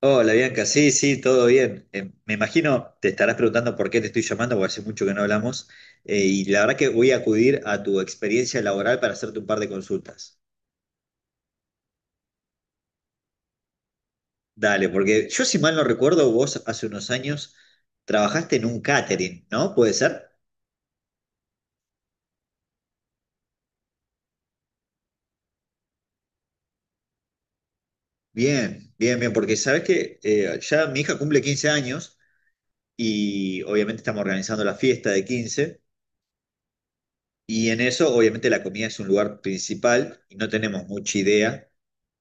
Hola Bianca, sí, todo bien. Me imagino te estarás preguntando por qué te estoy llamando, porque hace mucho que no hablamos, y la verdad que voy a acudir a tu experiencia laboral para hacerte un par de consultas. Dale, porque yo, si mal no recuerdo, vos hace unos años trabajaste en un catering, ¿no? ¿Puede ser? Bien, porque sabes que ya mi hija cumple 15 años y obviamente estamos organizando la fiesta de 15, y en eso obviamente la comida es un lugar principal y no tenemos mucha idea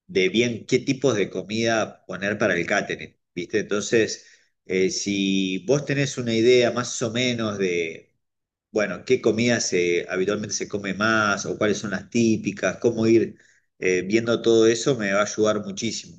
de bien qué tipos de comida poner para el catering, ¿viste? Entonces, si vos tenés una idea más o menos de, bueno, qué comida se, habitualmente se come más, o cuáles son las típicas, cómo ir viendo todo eso, me va a ayudar muchísimo.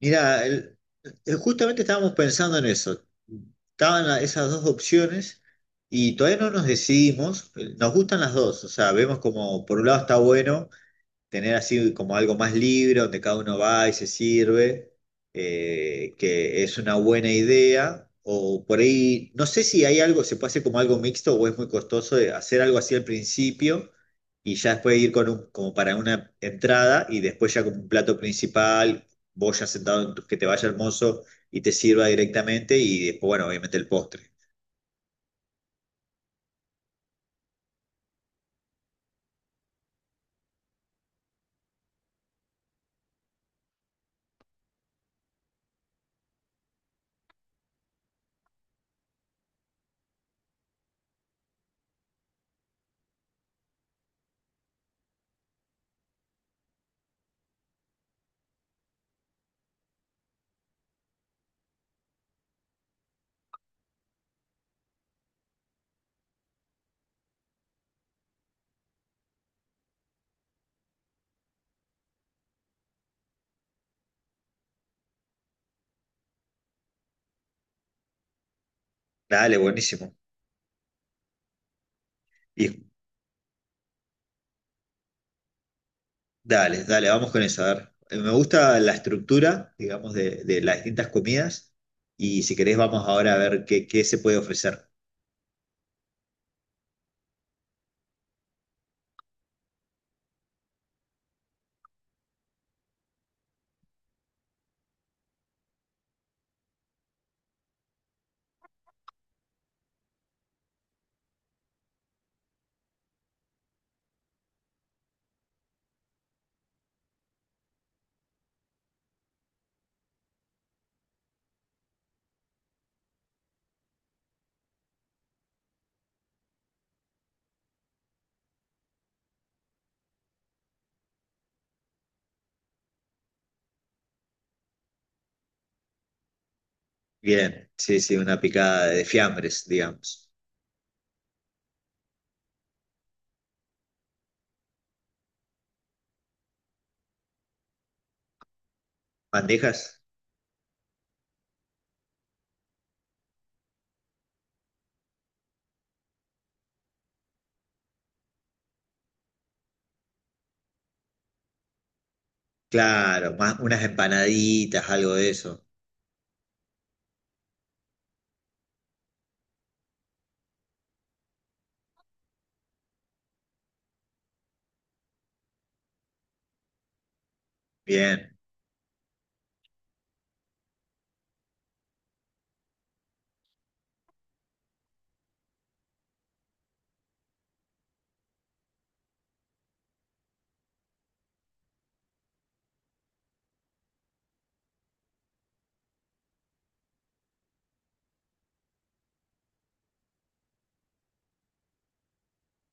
Mira, justamente estábamos pensando en eso. Estaban esas dos opciones. Y todavía no nos decidimos. Nos gustan las dos, o sea, vemos como por un lado está bueno tener así como algo más libre, donde cada uno va y se sirve, que es una buena idea. O por ahí, no sé si hay algo, se puede hacer como algo mixto, o es muy costoso de hacer algo así al principio, y ya después ir con un, como para una entrada, y después ya como un plato principal, vos ya sentado, que te vaya el mozo y te sirva directamente, y después, bueno, obviamente el postre. Dale, buenísimo. Y dale, dale, vamos con eso. A ver, me gusta la estructura, digamos, de las distintas comidas. Y si querés, vamos ahora a ver qué, qué se puede ofrecer. Bien, sí, sí, una picada de fiambres, digamos. ¿Bandejas? Claro, más unas empanaditas, algo de eso. Bien.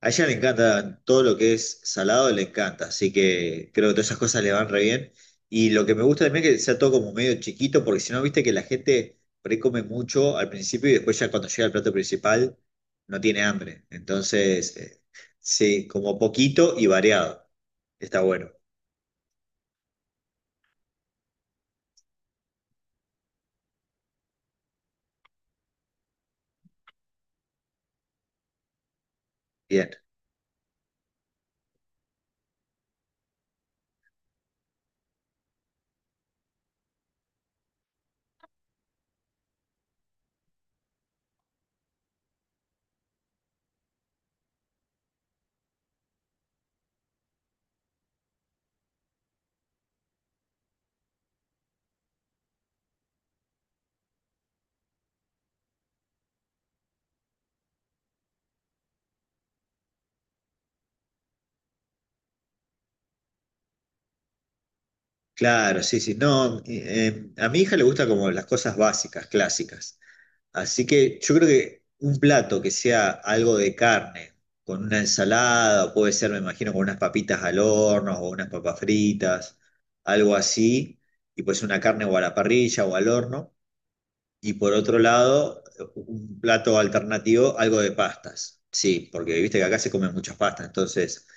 A ella le encanta todo lo que es salado, le encanta, así que creo que todas esas cosas le van re bien. Y lo que me gusta también es que sea todo como medio chiquito, porque si no, viste que la gente por ahí come mucho al principio y después, ya cuando llega al plato principal, no tiene hambre. Entonces, sí, como poquito y variado. Está bueno. Bien. Claro, sí, sí. No, a mi hija le gusta como las cosas básicas, clásicas. Así que yo creo que un plato que sea algo de carne, con una ensalada, o puede ser, me imagino, con unas papitas al horno o unas papas fritas, algo así, y pues una carne o a la parrilla o al horno. Y por otro lado, un plato alternativo, algo de pastas. Sí, porque viste que acá se comen muchas pastas, entonces,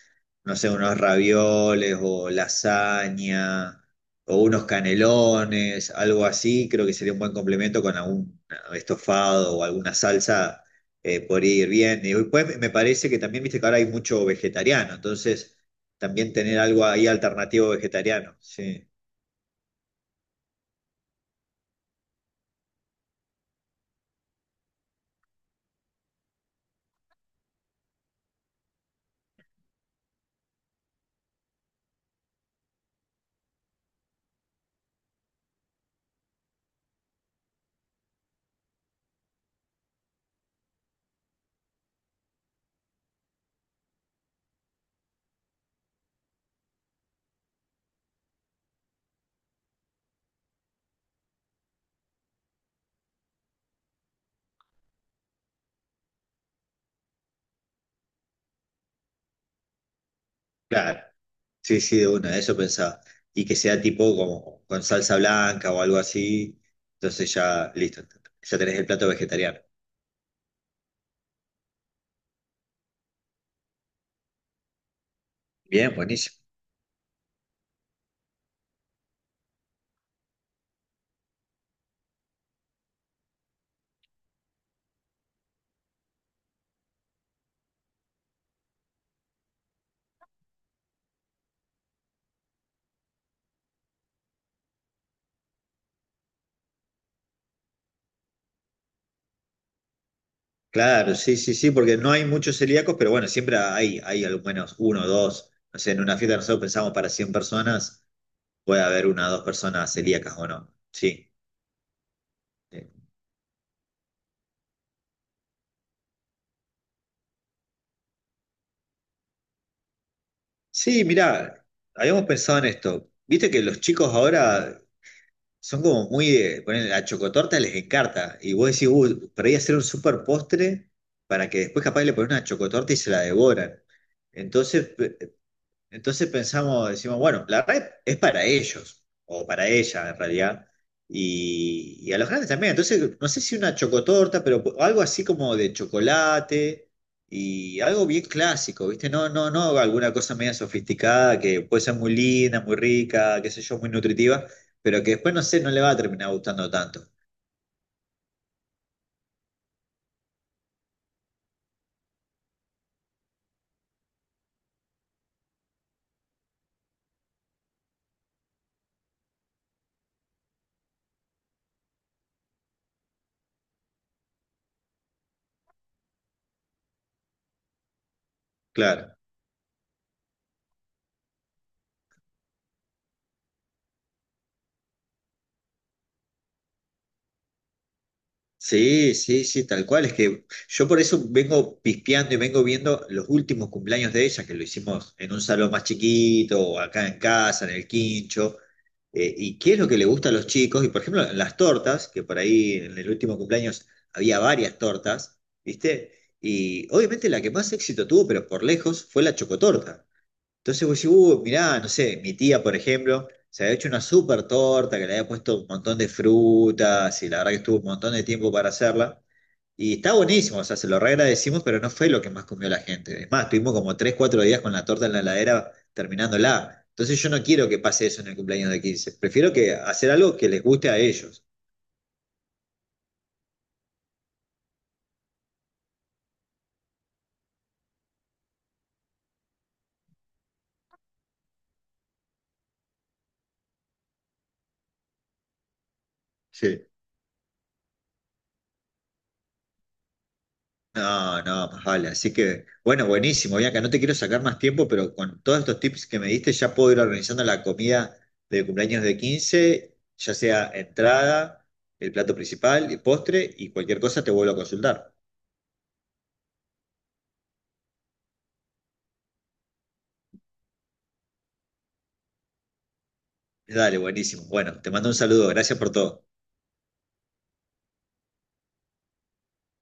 no sé, unos ravioles o lasaña o unos canelones, algo así, creo que sería un buen complemento con algún estofado o alguna salsa, podría ir bien. Y después me parece que también, viste que ahora hay mucho vegetariano, entonces también tener algo ahí alternativo vegetariano, sí. Claro. Sí, sí, de una, eso pensaba. Y que sea tipo como con salsa blanca o algo así. Entonces ya, listo, ya tenés el plato vegetariano. Bien, buenísimo. Claro, sí, sí, sí, porque no hay muchos celíacos, pero bueno, siempre hay, hay al menos uno o dos. No sé, en una fiesta nosotros pensamos para 100 personas, puede haber una o dos personas celíacas o no. Sí. eh, Sí, mirá, habíamos pensado en esto. Viste que los chicos ahora son como muy de, ponen, la chocotorta les encanta. Y vos decís, uy, a hacer un super postre para que después capaz le ponen una chocotorta y se la devoran. Entonces, entonces pensamos, decimos, bueno, la red es para ellos, o para ella en realidad, y a los grandes también. Entonces, no sé si una chocotorta, pero algo así como de chocolate y algo bien clásico, ¿viste? No, alguna cosa media sofisticada que puede ser muy linda, muy rica, qué sé yo, muy nutritiva, pero que después, no sé, no le va a terminar gustando tanto. Claro. Sí, sí, sí, tal cual. Es que yo por eso vengo pispeando y vengo viendo los últimos cumpleaños de ella, que lo hicimos en un salón más chiquito, o acá en casa, en el quincho. Y qué es lo que le gusta a los chicos. Y por ejemplo, las tortas, que por ahí en el último cumpleaños había varias tortas, ¿viste? Y obviamente la que más éxito tuvo, pero por lejos, fue la chocotorta. Entonces vos decís, mirá, no sé, mi tía, por ejemplo, se había hecho una súper torta que le había puesto un montón de frutas, y la verdad que estuvo un montón de tiempo para hacerla. Y está buenísimo, o sea, se lo reagradecimos, pero no fue lo que más comió la gente. Es más, tuvimos como 3 4 días con la torta en la heladera terminándola. Entonces yo no quiero que pase eso en el cumpleaños de 15. Prefiero que hacer algo que les guste a ellos. Sí. No, no, más vale. Así que, bueno, buenísimo, Bianca. No te quiero sacar más tiempo, pero con todos estos tips que me diste, ya puedo ir organizando la comida de cumpleaños de 15. Ya sea entrada, el plato principal, el postre, y cualquier cosa te vuelvo a consultar. Dale, buenísimo. Bueno, te mando un saludo. Gracias por todo.